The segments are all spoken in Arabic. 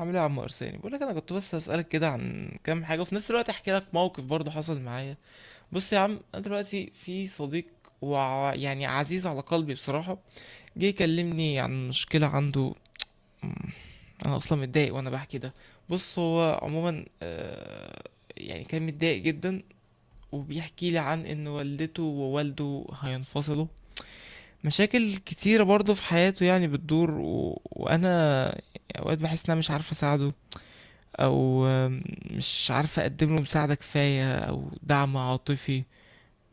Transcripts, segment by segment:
عامل ايه يا عم ارساني؟ بقول لك، انا كنت بس هسالك كده عن كام حاجه، وفي نفس الوقت احكي لك موقف برضه حصل معايا. بص يا عم، انا دلوقتي في صديق يعني عزيز على قلبي بصراحه. جه يكلمني عن مشكله عنده. مم، انا اصلا متضايق وانا بحكي ده. بص هو عموما يعني كان متضايق جدا، وبيحكي لي عن ان والدته ووالده هينفصلوا. مشاكل كتيرة برضه في حياته يعني بتدور وانا اوقات بحس ان انا مش عارف اساعده. او مش عارف اقدم له مساعدة كفاية او دعم عاطفي.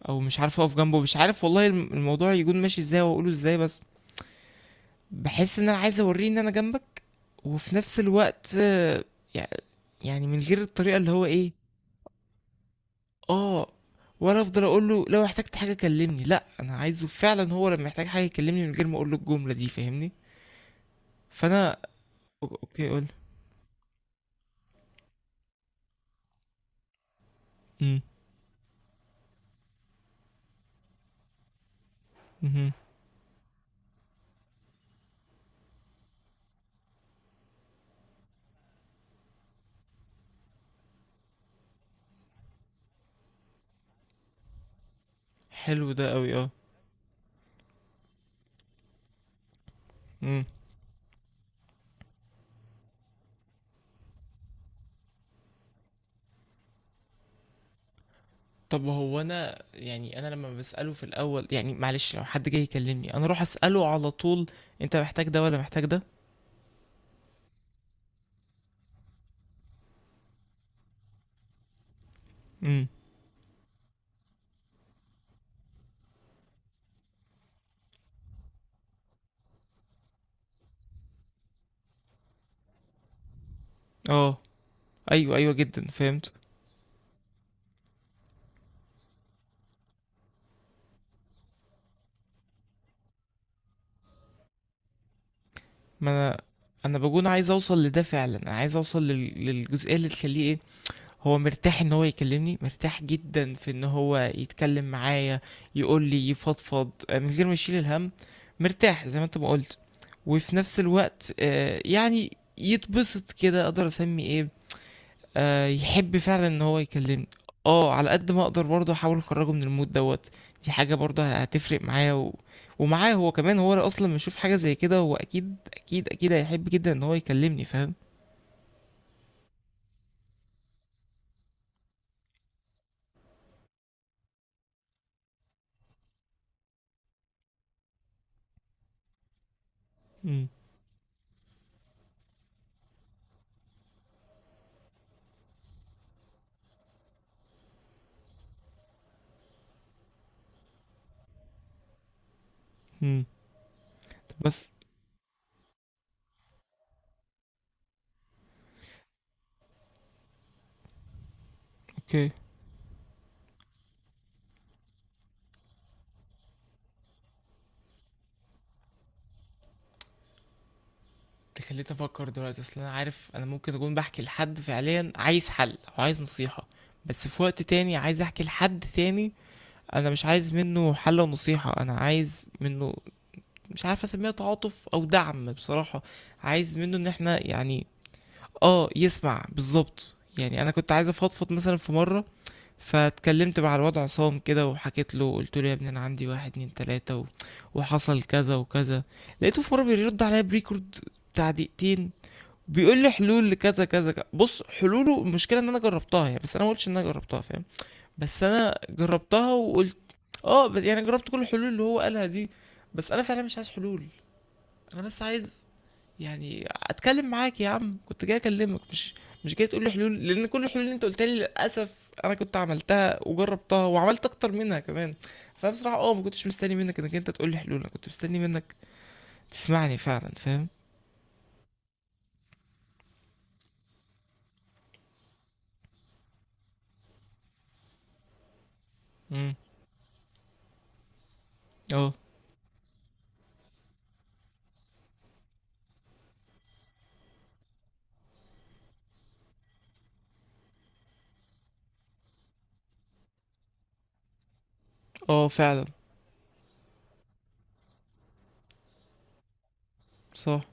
او مش عارف اقف جنبه، مش عارف والله الموضوع يكون ماشي ازاي واقوله ازاي بس. بحس ان انا عايز اوريه ان انا جنبك. وفي نفس الوقت يع- يعني من غير الطريقة اللي هو ايه. اه، ولا افضل اقول له لو احتجت حاجة كلمني؟ لا، انا عايزه فعلا هو لما يحتاج حاجة يكلمني من غير ما اقول له الجملة دي، فاهمني؟ فانا اوكي قول. امم. حلو ده قوي، اه. مم. طب هو انا يعني انا لما بسأله في الاول يعني، معلش لو حد جاي يكلمني انا اروح اسأله على طول: انت محتاج ده ولا محتاج ده؟ امم. اه. ايوه، ايوه جدا، فهمت. ما انا بكون عايز اوصل لده فعلا، انا عايز اوصل للجزئيه اللي تخليه ايه. هو مرتاح ان هو يكلمني، مرتاح جدا في ان هو يتكلم معايا، يقول لي يفضفض من غير ما يشيل الهم. مرتاح زي ما انت ما قلت. وفي نفس الوقت يعني يتبسط كده اقدر اسمي ايه. يحب فعلا ان هو يكلمني. اه، على قد ما اقدر برضه احاول اخرجه من المود دوت. دي حاجه برضه هتفرق معاه ومعاه هو كمان، هو اصلا لما يشوف حاجه زي كده هو اكيد اكيد اكيد هيحب جدا ان هو يكلمني، فاهم؟ امم. امم. بس. اوكي، انت خليت افكر دلوقتي. اصل انا عارف انا ممكن اكون بحكي لحد فعليا عايز حل او عايز نصيحه، بس في وقت تاني عايز احكي لحد تاني. انا مش عايز منه حل ونصيحه، انا عايز منه، مش عارف اسميها، تعاطف او دعم بصراحة. عايز منه ان احنا يعني، اه، يسمع بالظبط. يعني انا كنت عايز افضفض مثلا في مرة، فاتكلمت مع الوضع عصام كده وحكيت له قلت له يا ابني انا عندي واحد اتنين تلاتة وحصل كذا وكذا. لقيته في مرة بيرد عليا بريكورد بتاع دقيقتين، بيقول لي حلول لكذا كذا كذا. بص حلوله، المشكلة ان انا جربتها يعني، بس انا ما قلتش ان انا جربتها، فاهم؟ بس انا جربتها وقلت، اه، بس يعني جربت كل الحلول اللي هو قالها دي. بس انا فعلا مش عايز حلول، انا بس عايز، يعني اتكلم معاك يا عم، كنت جاي اكلمك مش جاي تقول لي حلول، لان كل الحلول اللي انت قلتها لي للاسف انا كنت عملتها وجربتها وعملت اكتر منها كمان. فبصراحه ما كنتش مستني منك انك انت تقول لي حلول، انا كنت مستني منك تسمعني فعلا، فاهم؟ امم. اه. اه فعلا. صح.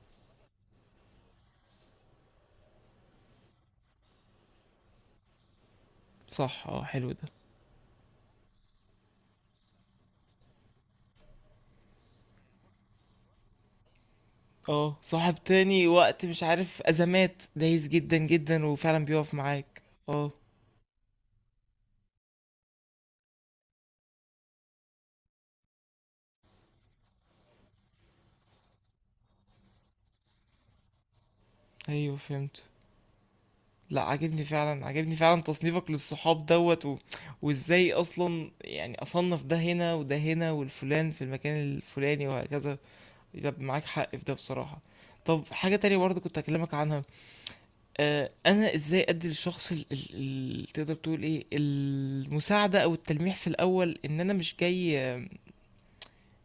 صح. اه، حلو ده، اه. صاحب تاني وقت مش عارف ازمات، دايس جدا جدا وفعلا بيقف معاك. اه، ايوه فهمت. لا، عاجبني فعلا، عاجبني فعلا تصنيفك للصحاب دوت وازاي اصلا يعني اصنف ده هنا وده هنا والفلان في المكان الفلاني وهكذا. يبقى معاك حق في ده بصراحة. طب حاجة تانية برضه كنت هكلمك عنها. انا ازاي ادي للشخص تقدر تقول ايه، المساعدة او التلميح في الاول ان انا مش جاي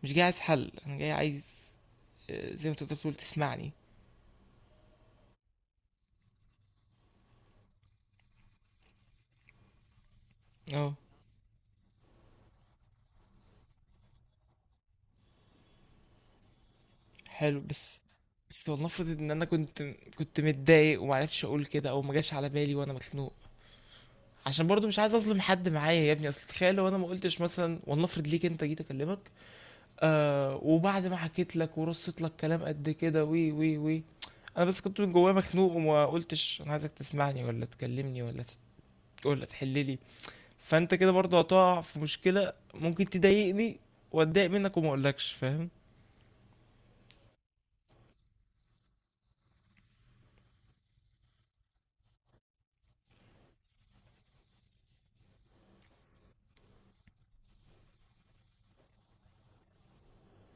مش جاي عايز حل، انا جاي عايز، زي ما تقدر تقول، تسمعني. اه، حلو، بس، بس ولنفرض ان انا كنت متضايق ومعرفش اقول كده او ما جاش على بالي وانا مخنوق، عشان برضو مش عايز اظلم حد معايا يا ابني. اصل تخيل لو انا ما قلتش مثلا، ولنفرض ليك انت جيت اكلمك، وبعد ما حكيت لك ورصيت لك كلام قد كده وي وي وي، انا بس كنت من جوايا مخنوق وما قلتش انا عايزك تسمعني ولا تكلمني ولا ولا تحللي. فانت كده برضو هتقع في مشكلة، ممكن تضايقني واتضايق منك وما اقولكش، فاهم؟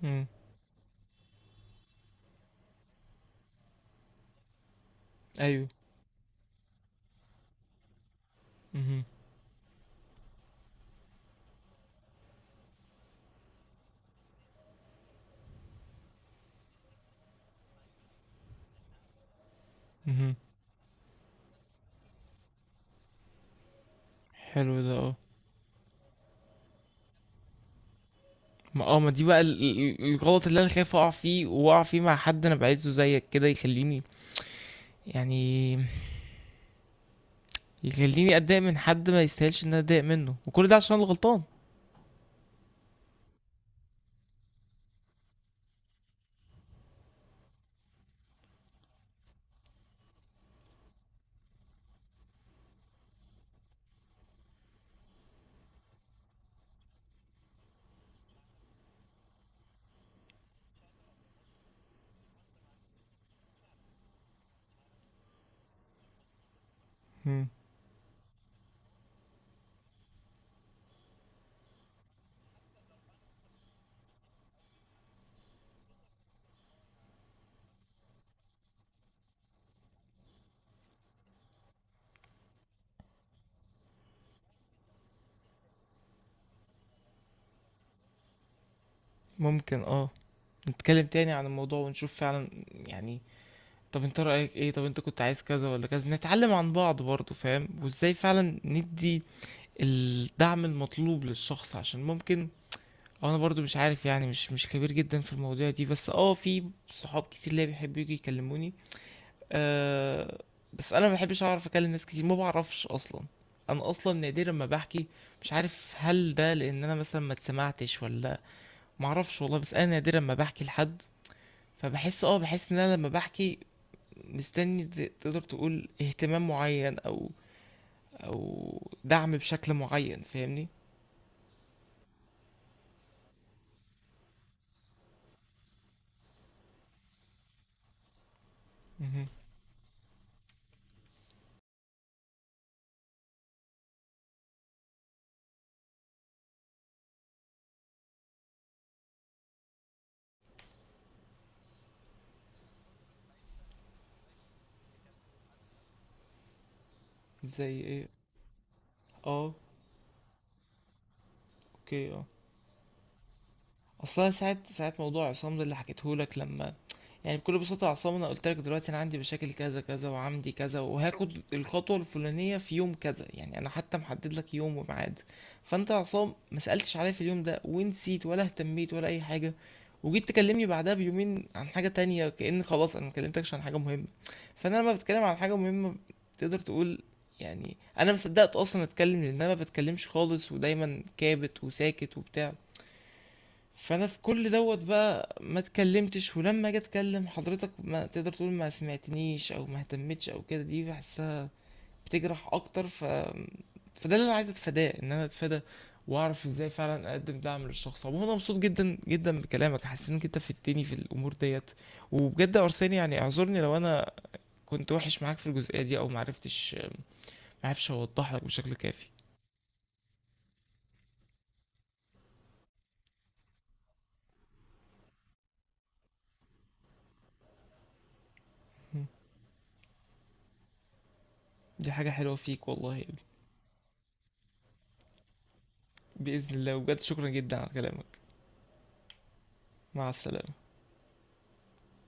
امم. ايوه. امم. امم. حلو ده، اه. ما دي بقى الغلط اللي انا خايف اقع فيه واقع فيه مع حد انا بعزه زيك كده، يخليني يعني، يخليني اتضايق من حد ما يستاهلش ان انا اتضايق منه، وكل ده عشان الغلطان. مم. ممكن، اه، نتكلم تاني عن الموضوع ونشوف فعلا يعني، طب انت رأيك ايه، طب انت كنت عايز كذا ولا كذا، نتعلم عن بعض برضه فاهم، وازاي فعلا ندي الدعم المطلوب للشخص عشان ممكن، أو انا برضو مش عارف يعني، مش خبير جدا في المواضيع دي، بس اه في صحاب كتير ليا بيحبوا يجي يكلموني. أه، بس انا ما بحبش، اعرف اكلم ناس كتير ما بعرفش اصلا، انا اصلا نادرا ما بحكي. مش عارف هل ده لان انا مثلا ما اتسمعتش ولا، ما اعرفش والله، بس انا نادرا ما بحكي لحد. فبحس اه بحس ان انا لما بحكي مستني، تقدر تقول اهتمام معين او، او دعم بشكل معين، فاهمني؟ مهم. زي ايه؟ اه. اوكي، اه. اصلا ساعه ساعه موضوع عصام ده اللي حكيته لك لما، يعني بكل بساطه يا عصام انا قلت لك دلوقتي انا عندي مشاكل كذا كذا وعندي كذا وهاخد الخطوه الفلانيه في يوم كذا. يعني انا حتى محدد لك يوم وميعاد. فانت يا عصام ما سالتش عليا في اليوم ده ونسيت ولا اهتميت ولا اي حاجه، وجيت تكلمني بعدها بيومين عن حاجه تانية، كأن خلاص انا ما كلمتكش عن حاجه مهمه. فانا لما بتكلم عن حاجه مهمه تقدر تقول يعني، انا مصدقت اصلا اتكلم لان انا ما بتكلمش خالص ودايما كابت وساكت وبتاع. فانا في كل دوت بقى ما اتكلمتش، ولما اجي اتكلم حضرتك ما تقدر تقول ما سمعتنيش او ما اهتمتش او كده، دي بحسها بتجرح اكتر. ف، فده اللي انا عايز اتفاداه، ان انا اتفادى واعرف ازاي فعلا اقدم دعم للشخص. عموما انا مبسوط جدا جدا بكلامك، حاسس انك انت فدتني في الامور ديت. وبجد يا ارساني يعني، اعذرني لو انا كنت وحش معاك في الجزئيه دي او معرفتش معرفش اوضح لك بشكل كافي. دي حاجه حلوه فيك والله. باذن الله، وبجد شكرا جدا على كلامك. مع السلامه.